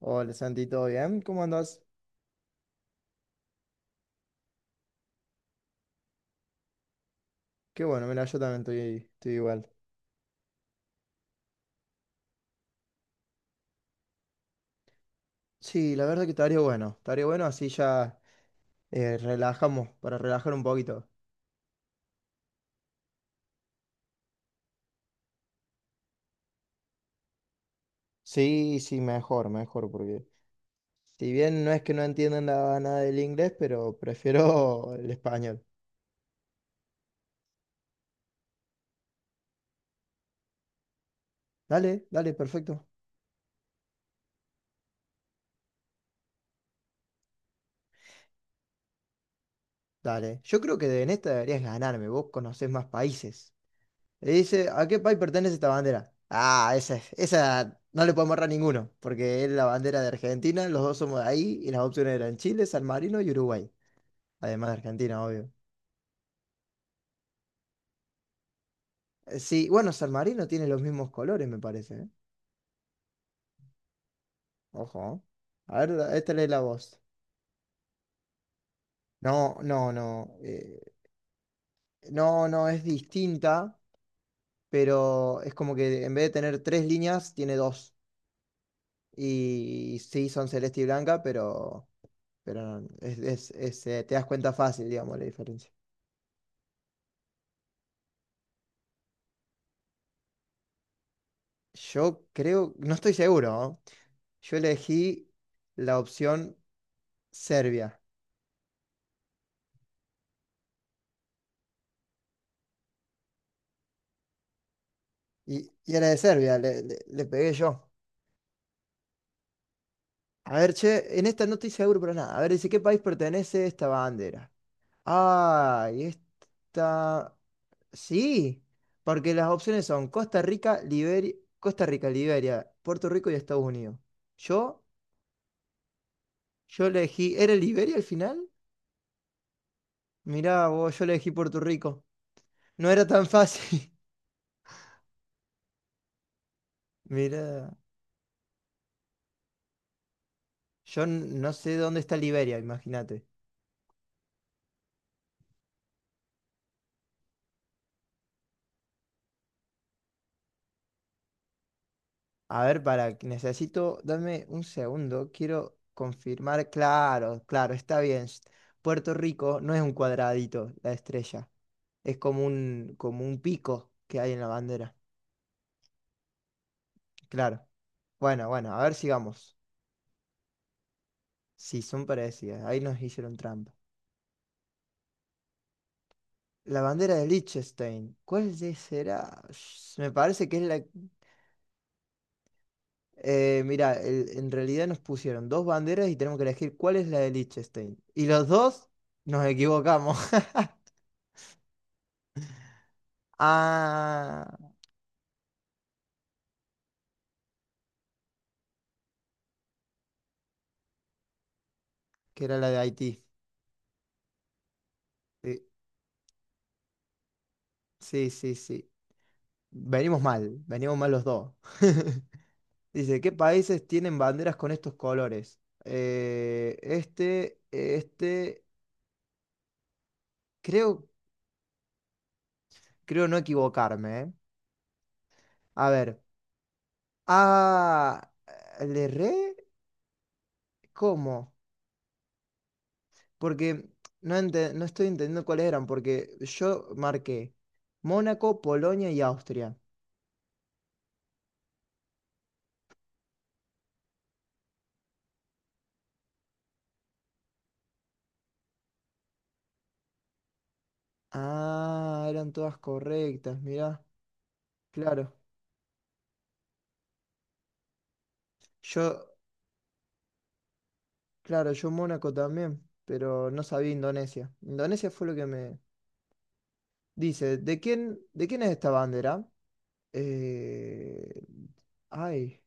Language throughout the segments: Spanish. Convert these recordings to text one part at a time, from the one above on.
Hola Santi, ¿todo bien? ¿Cómo andas? Qué bueno, mira, yo también estoy igual. Sí, la verdad que estaría bueno así ya relajamos, para relajar un poquito. Sí, sí, mejor, mejor, porque si bien no es que no entiendan nada del inglés, pero prefiero el español. Dale, dale, perfecto. Dale, yo creo que en esta deberías ganarme, vos conocés más países. Y dice, ¿a qué país pertenece esta bandera? Ah, esa, esa no le podemos errar ninguno, porque es la bandera de Argentina, los dos somos de ahí, y las opciones eran Chile, San Marino y Uruguay. Además de Argentina, obvio. Sí, bueno, San Marino tiene los mismos colores, me parece, ¿eh? Ojo, ¿eh? A ver, esta lee la voz. No, no, no. No, no, es distinta, pero es como que en vez de tener tres líneas, tiene dos. Y sí, son celeste y blanca. Pero no, te das cuenta fácil, digamos, la diferencia. Yo creo, no estoy seguro, ¿no? Yo elegí la opción Serbia. Y era de Serbia, le pegué yo. A ver, che, en esta no estoy seguro para nada. A ver, dice, ¿qué país pertenece esta bandera? Ah, y esta. Sí, porque las opciones son Costa Rica, Liberia, Puerto Rico y Estados Unidos. Yo, yo elegí, ¿era Liberia al final? Mirá, vos, yo le elegí Puerto Rico. No era tan fácil. Mirá, yo no sé dónde está Liberia, imagínate. A ver, para, necesito, dame un segundo, quiero confirmar. Claro, claro, está bien. Puerto Rico no es un cuadradito, la estrella. Es como un pico que hay en la bandera. Claro. Bueno, bueno, a ver, sigamos. Sí, son parecidas. Ahí nos hicieron trampa. La bandera de Liechtenstein. ¿Cuál de será? Me parece que es la. Mira, en realidad nos pusieron dos banderas y tenemos que elegir cuál es la de Liechtenstein. Y los dos nos equivocamos. Ah, que era la de Haití. Sí, sí, sí. Sí. Venimos mal los dos. Dice, ¿qué países tienen banderas con estos colores? Creo, creo no equivocarme, ¿eh? A ver, ah, ¿le re? ¿Cómo? Porque no, no estoy entendiendo cuáles eran, porque yo marqué Mónaco, Polonia y Austria. Ah, eran todas correctas, mirá. Claro, yo, claro, yo Mónaco también, pero no sabía Indonesia. Indonesia fue lo que me dice. ¿De quién es esta bandera? Eh, ay,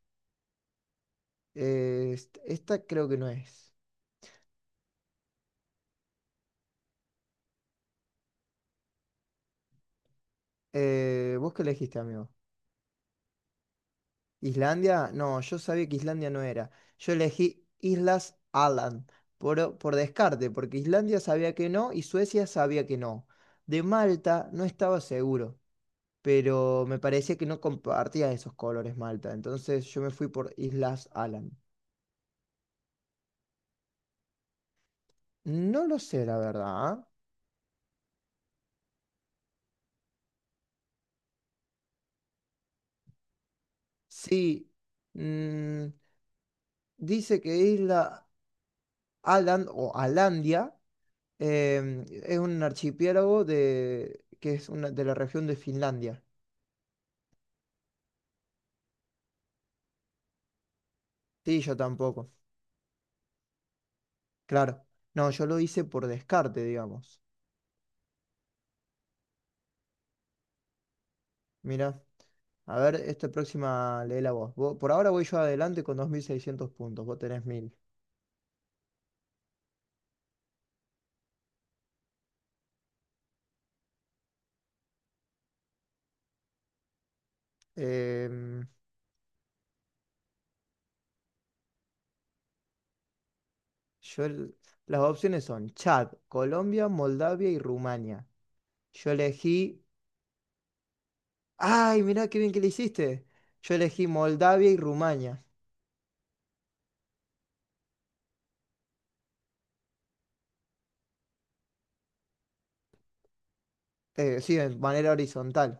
esta creo que no es. ¿Vos qué elegiste, amigo? ¿Islandia? No, yo sabía que Islandia no era. Yo elegí Islas Aland por descarte, porque Islandia sabía que no y Suecia sabía que no. De Malta no estaba seguro, pero me parecía que no compartía esos colores Malta, entonces yo me fui por Islas Aland. No lo sé, la verdad, ¿eh? Sí, mm, dice que Isla Aland o Alandia es un archipiélago de, que es una, de la región de Finlandia. Sí, yo tampoco. Claro. No, yo lo hice por descarte, digamos. Mira, a ver, esta próxima léela vos. Por ahora voy yo adelante con 2600 puntos, vos tenés 1000. Em, yo, el- las opciones son Chad, Colombia, Moldavia y Rumania. Yo elegí. ¡Ay, mirá qué bien que le hiciste! Yo elegí Moldavia y Rumania. Sí, de manera horizontal,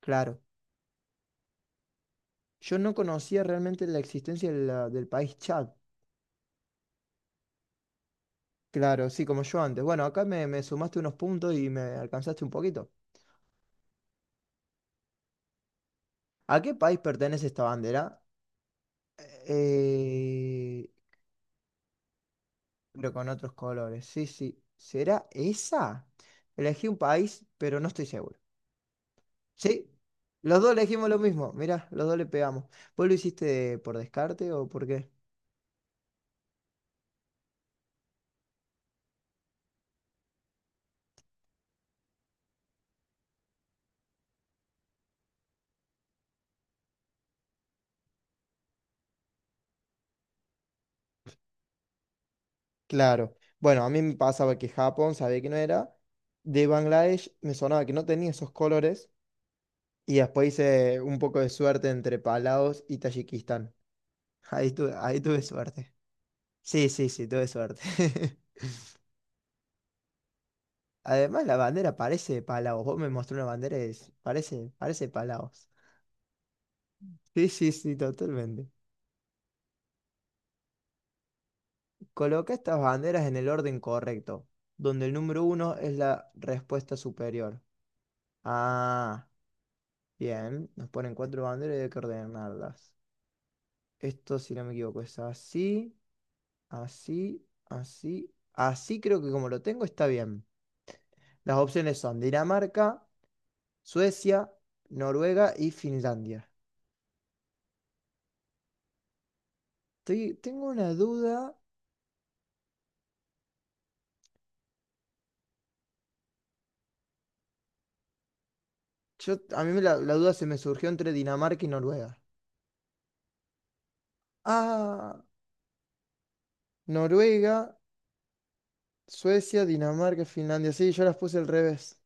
claro. Yo no conocía realmente la existencia del país Chad. Claro, sí, como yo antes. Bueno, acá me sumaste unos puntos y me alcanzaste un poquito. ¿A qué país pertenece esta bandera? Eh, pero con otros colores. Sí, sí. ¿Será esa? Elegí un país, pero no estoy seguro. Sí, los dos elegimos lo mismo. Mirá, los dos le pegamos. ¿Vos lo hiciste por descarte o por qué? Claro. Bueno, a mí me pasaba que Japón sabía que no era. De Bangladesh me sonaba que no tenía esos colores. Y después hice un poco de suerte entre Palaos y Tayikistán. Ahí tuve suerte. Sí, sí, sí, tuve suerte. Además, la bandera parece de Palaos. Vos me mostró una bandera y parece Palaos. Sí, sí, sí, totalmente. Coloca estas banderas en el orden correcto, donde el número uno es la respuesta superior. Ah, bien. Nos ponen cuatro banderas y hay que ordenarlas. Esto, si no me equivoco, es así. Así, así, así creo que como lo tengo está bien. Las opciones son Dinamarca, Suecia, Noruega y Finlandia. Tengo una duda. A mí me la duda se me surgió entre Dinamarca y Noruega. Ah, Noruega, Suecia, Dinamarca, Finlandia. Sí, yo las puse al revés.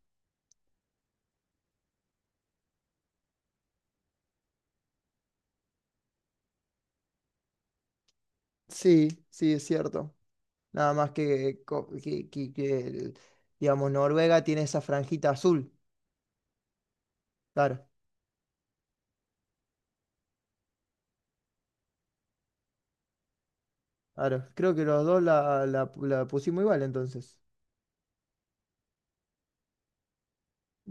Sí, sí, es cierto. Nada más que, digamos, Noruega tiene esa franjita azul. Claro. Claro, creo que los dos la pusimos igual entonces.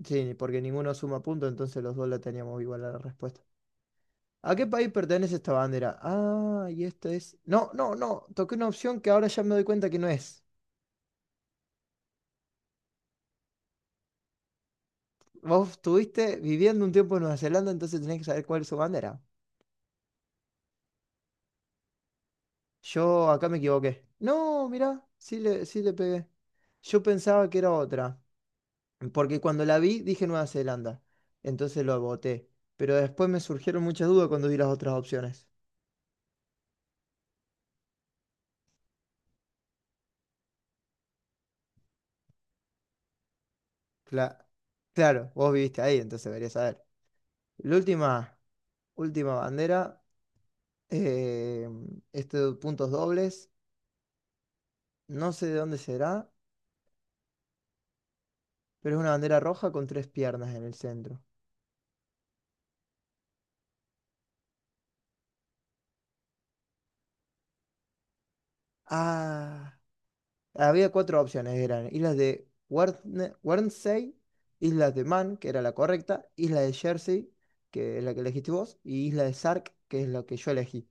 Sí, porque ninguno suma punto, entonces los dos la teníamos igual a la respuesta. ¿A qué país pertenece esta bandera? Ah, y esta es. No, no, no, toqué una opción que ahora ya me doy cuenta que no es. Vos estuviste viviendo un tiempo en Nueva Zelanda, entonces tenés que saber cuál es su bandera. Yo acá me equivoqué. No, mirá, sí le pegué. Yo pensaba que era otra, porque cuando la vi dije Nueva Zelanda, entonces lo voté. Pero después me surgieron muchas dudas cuando vi las otras opciones. Cla- claro, vos viviste ahí, entonces deberías saber. La última bandera, eh, estos puntos dobles, no sé de dónde será, pero es una bandera roja con tres piernas en el centro. Ah, había cuatro opciones, eran islas de Guernsey, islas de Man, que era la correcta, isla de Jersey, que es la que elegiste vos, y isla de Sark, que es la que yo elegí.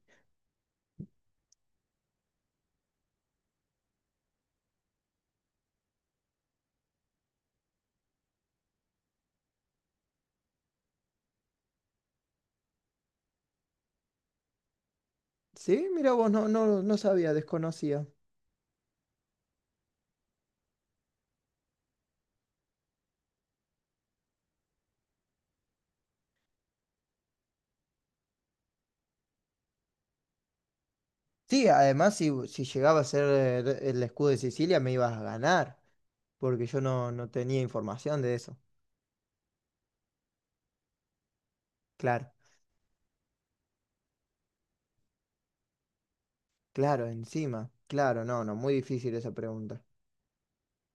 Sí, mira vos, no, no, no sabía, desconocía. Sí, además si llegaba a ser el escudo de Sicilia me ibas a ganar, porque yo no, no tenía información de eso. Claro, claro, encima. Claro, no, no, muy difícil esa pregunta.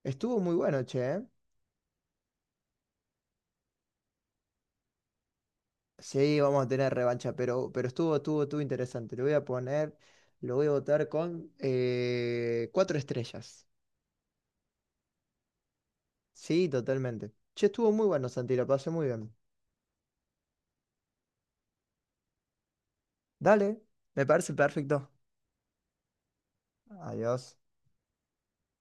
Estuvo muy bueno, che, ¿eh? Sí, vamos a tener revancha, pero estuvo interesante. Lo voy a votar con cuatro estrellas. Sí, totalmente. Che, estuvo muy bueno, Santi, lo pasé muy bien. Dale, me parece perfecto. Adiós.